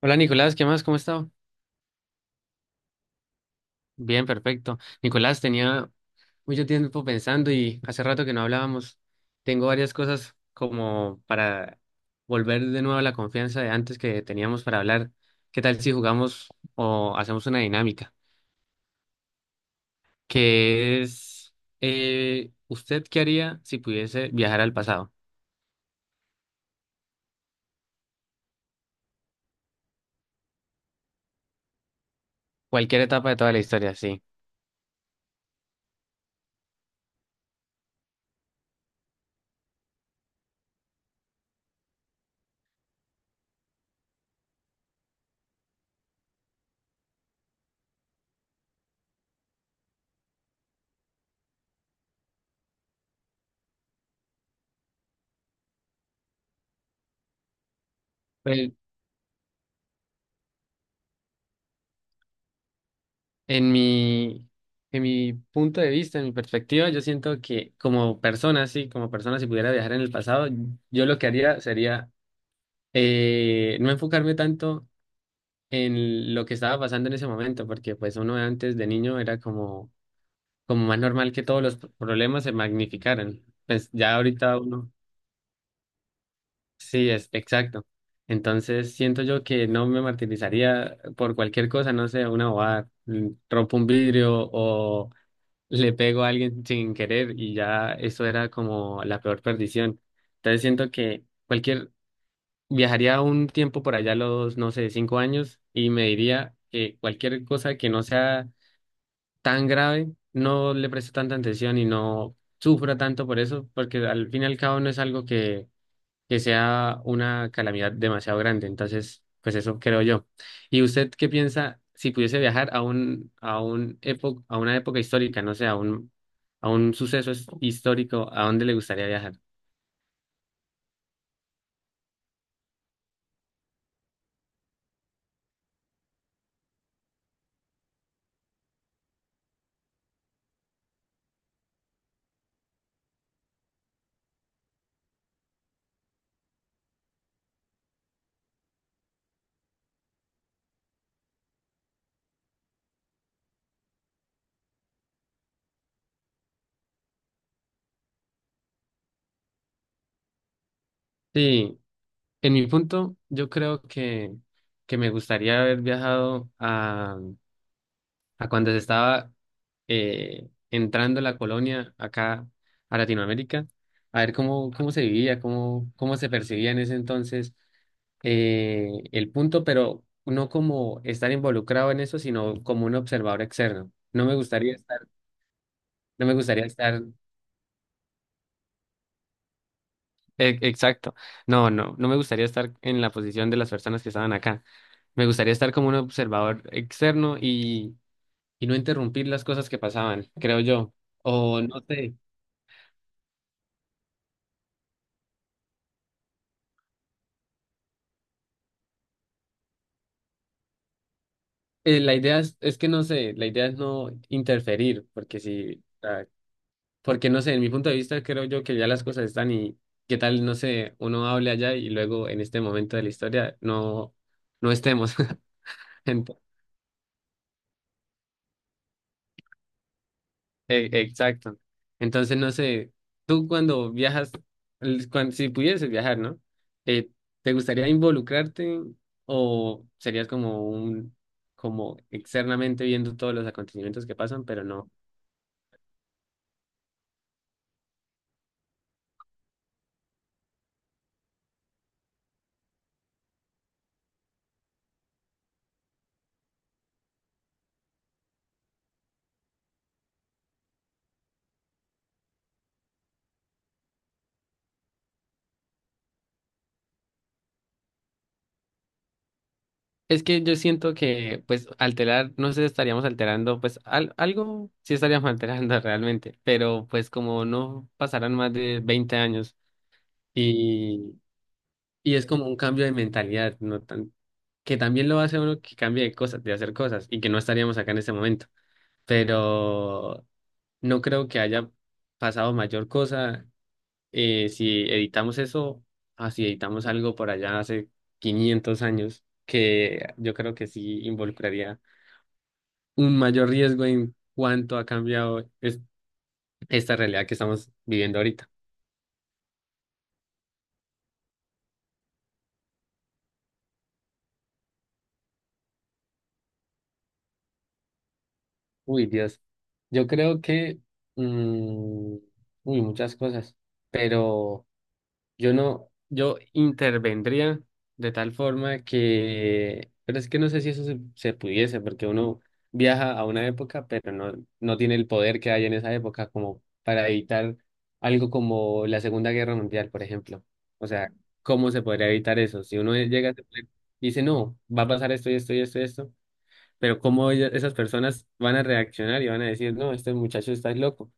Hola Nicolás, ¿qué más? ¿Cómo está? Bien, perfecto. Nicolás, tenía mucho tiempo pensando y hace rato que no hablábamos. Tengo varias cosas como para volver de nuevo a la confianza de antes que teníamos para hablar. ¿Qué tal si jugamos o hacemos una dinámica? Que es, ¿Usted qué haría si pudiese viajar al pasado? Cualquier etapa de toda la historia, sí. Pues, En mi, en mi punto de vista, en mi perspectiva, yo siento que como persona, sí, como persona, si pudiera viajar en el pasado, yo lo que haría sería no enfocarme tanto en lo que estaba pasando en ese momento, porque pues uno antes de niño era como más normal que todos los problemas se magnificaran. Pues ya ahorita uno. Sí, es exacto. Entonces siento yo que no me martirizaría por cualquier cosa, no sé, una bobada, rompo un vidrio o le pego a alguien sin querer y ya eso era como la peor perdición. Entonces siento que viajaría un tiempo por allá, a los, no sé, 5 años y me diría que cualquier cosa que no sea tan grave, no le presto tanta atención y no sufra tanto por eso, porque al fin y al cabo no es algo que sea una calamidad demasiado grande. Entonces, pues eso creo yo. ¿Y usted qué piensa si pudiese viajar a una época histórica, no sé, a un suceso histórico, a dónde le gustaría viajar? Sí, en mi punto, yo creo que me gustaría haber viajado a cuando se estaba entrando la colonia acá a Latinoamérica, a ver cómo se vivía, cómo se percibía en ese entonces el punto, pero no como estar involucrado en eso, sino como un observador externo. No me gustaría estar, no me gustaría estar, exacto, no, no, no me gustaría estar en la posición de las personas que estaban acá. Me gustaría estar como un observador externo y no interrumpir las cosas que pasaban, creo yo. O no sé. La idea es que no sé, la idea es no interferir, porque porque no sé, en mi punto de vista creo yo que ya las cosas están y qué tal, no sé, uno hable allá y luego en este momento de la historia no, no estemos. Ento- exacto. Entonces, no sé, tú cuando viajas, si pudieses viajar, ¿no? Eh, ¿Te gustaría involucrarte o serías como externamente viendo todos los acontecimientos que pasan, pero no? Es que yo siento que, pues, alterar, no sé, estaríamos alterando, pues, algo sí estaríamos alterando realmente, pero pues como no pasarán más de 20 años y, y es como un cambio de mentalidad, no tan, que también lo hace uno que cambie de cosas, de hacer cosas y que no estaríamos acá en este momento, pero no creo que haya pasado mayor cosa si editamos eso, así si editamos algo por allá hace 500 años, que yo creo que sí involucraría un mayor riesgo en cuanto ha cambiado esta realidad que estamos viviendo ahorita. Uy, Dios. Yo creo que, mm, uy, muchas cosas, pero... Yo no, yo intervendría de tal forma que, pero es que no sé si eso se pudiese, porque uno viaja a una época, pero no, no tiene el poder que hay en esa época como para evitar algo como la Segunda Guerra Mundial, por ejemplo. O sea, ¿cómo se podría evitar eso? Si uno llega y dice, no, va a pasar esto y esto y esto y esto, pero ¿cómo ellas- esas personas van a reaccionar y van a decir, no, este muchacho está loco?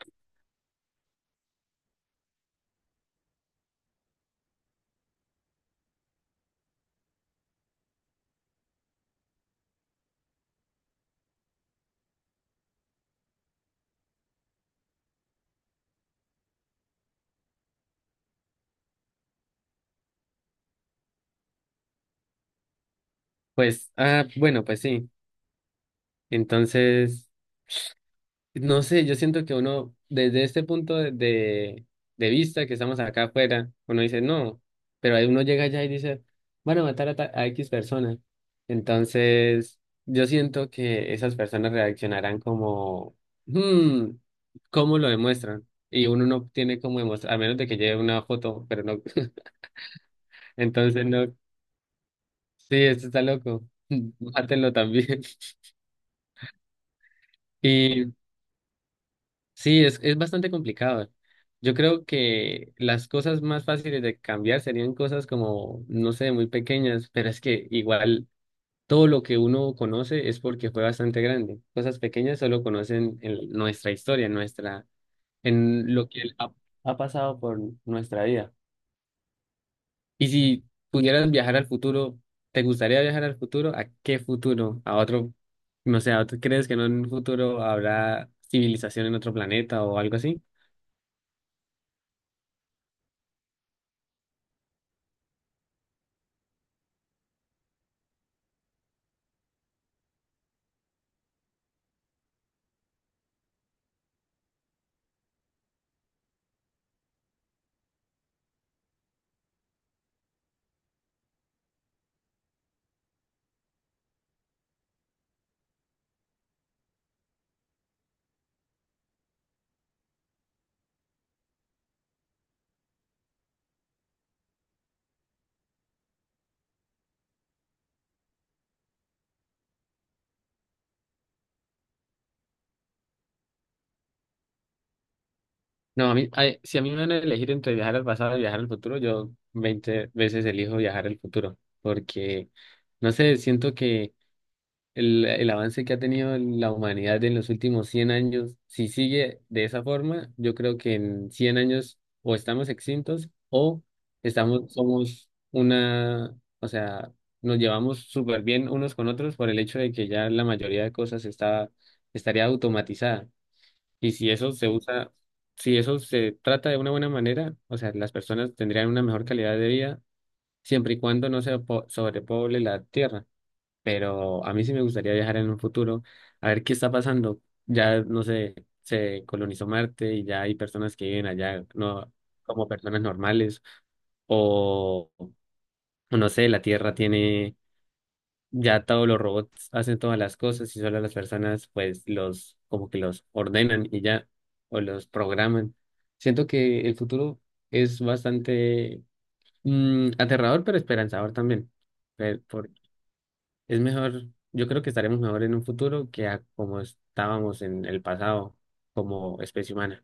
Pues, ah, bueno, pues sí. Entonces... No sé, yo siento que uno, desde este punto de vista que estamos acá afuera, uno dice no, pero ahí uno llega allá y dice, van a matar a X personas. Entonces, yo siento que esas personas reaccionarán como, hmm, ¿cómo lo demuestran? Y uno no tiene cómo demostrar, a menos de que lleve una foto, pero no. Entonces, no, sí, esto está loco, mátenlo también. Y sí, es bastante complicado. Yo creo que las cosas más fáciles de cambiar serían cosas como, no sé, muy pequeñas, pero es que igual todo lo que uno conoce es porque fue bastante grande. Cosas pequeñas solo conocen en nuestra historia, en lo que ha pasado por nuestra vida. Y si pudieras viajar al futuro, ¿te gustaría viajar al futuro? ¿A qué futuro? ¿A otro, no sé, crees que en un futuro habrá civilización en otro planeta o algo así? No, a mí, ay, si a mí me van a elegir entre viajar al pasado y viajar al futuro, yo 20 veces elijo viajar al futuro, porque, no sé, siento que el avance que ha tenido la humanidad en los últimos 100 años, si sigue de esa forma, yo creo que en 100 años o estamos extintos o estamos, somos una, o sea, nos llevamos súper bien unos con otros por el hecho de que ya la mayoría de cosas está, estaría automatizada. Y si eso se usa, si eso se trata de una buena manera, o sea, las personas tendrían una mejor calidad de vida siempre y cuando no se sobrepoble la tierra. Pero a mí sí me gustaría viajar en un futuro a ver qué está pasando. Ya, no sé, se colonizó Marte y ya hay personas que viven allá, no como personas normales, o o no sé, la tierra tiene ya todos los robots hacen todas las cosas y solo las personas pues los como que los ordenan y ya o los programan. Siento que el futuro es bastante aterrador pero esperanzador también. Pe- por- es mejor, yo creo que estaremos mejor en un futuro que a como estábamos en el pasado como especie humana.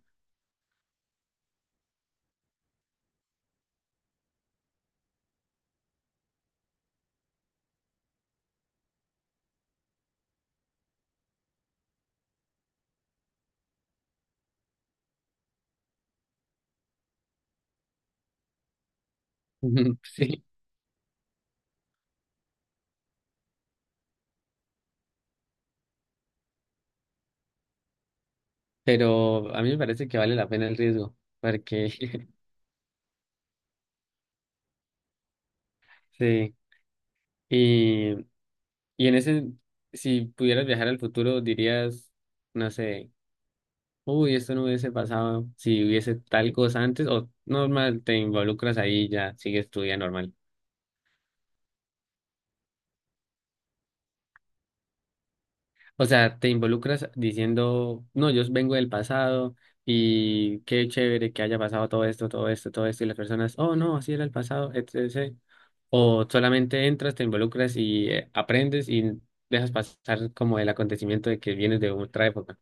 Sí, pero a mí me parece que vale la pena el riesgo porque sí. y Y en ese, si pudieras viajar al futuro, dirías, no sé, uy, esto no hubiese pasado si hubiese tal cosa antes, o normal, te involucras ahí y ya, sigues tu vida normal. O sea, te involucras diciendo, no, yo vengo del pasado y qué chévere que haya pasado todo esto, todo esto, todo esto, y las personas, oh, no, así era el pasado, etcétera. O solamente entras, te involucras y aprendes y dejas pasar como el acontecimiento de que vienes de otra época.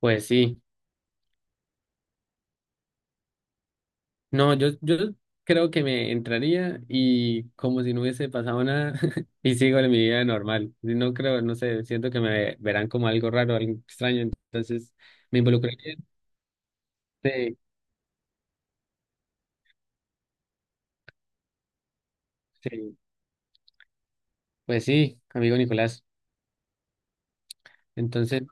Pues sí. No, yo creo que me entraría y como si no hubiese pasado nada y sigo en mi vida normal. No creo, no sé, siento que me verán como algo raro, algo extraño, entonces me involucraría. Sí, sí. Pues sí, amigo Nicolás. Entonces,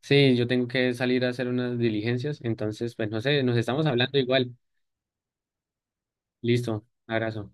sí, yo tengo que salir a hacer unas diligencias, entonces, pues no sé, nos estamos hablando igual. Listo, abrazo.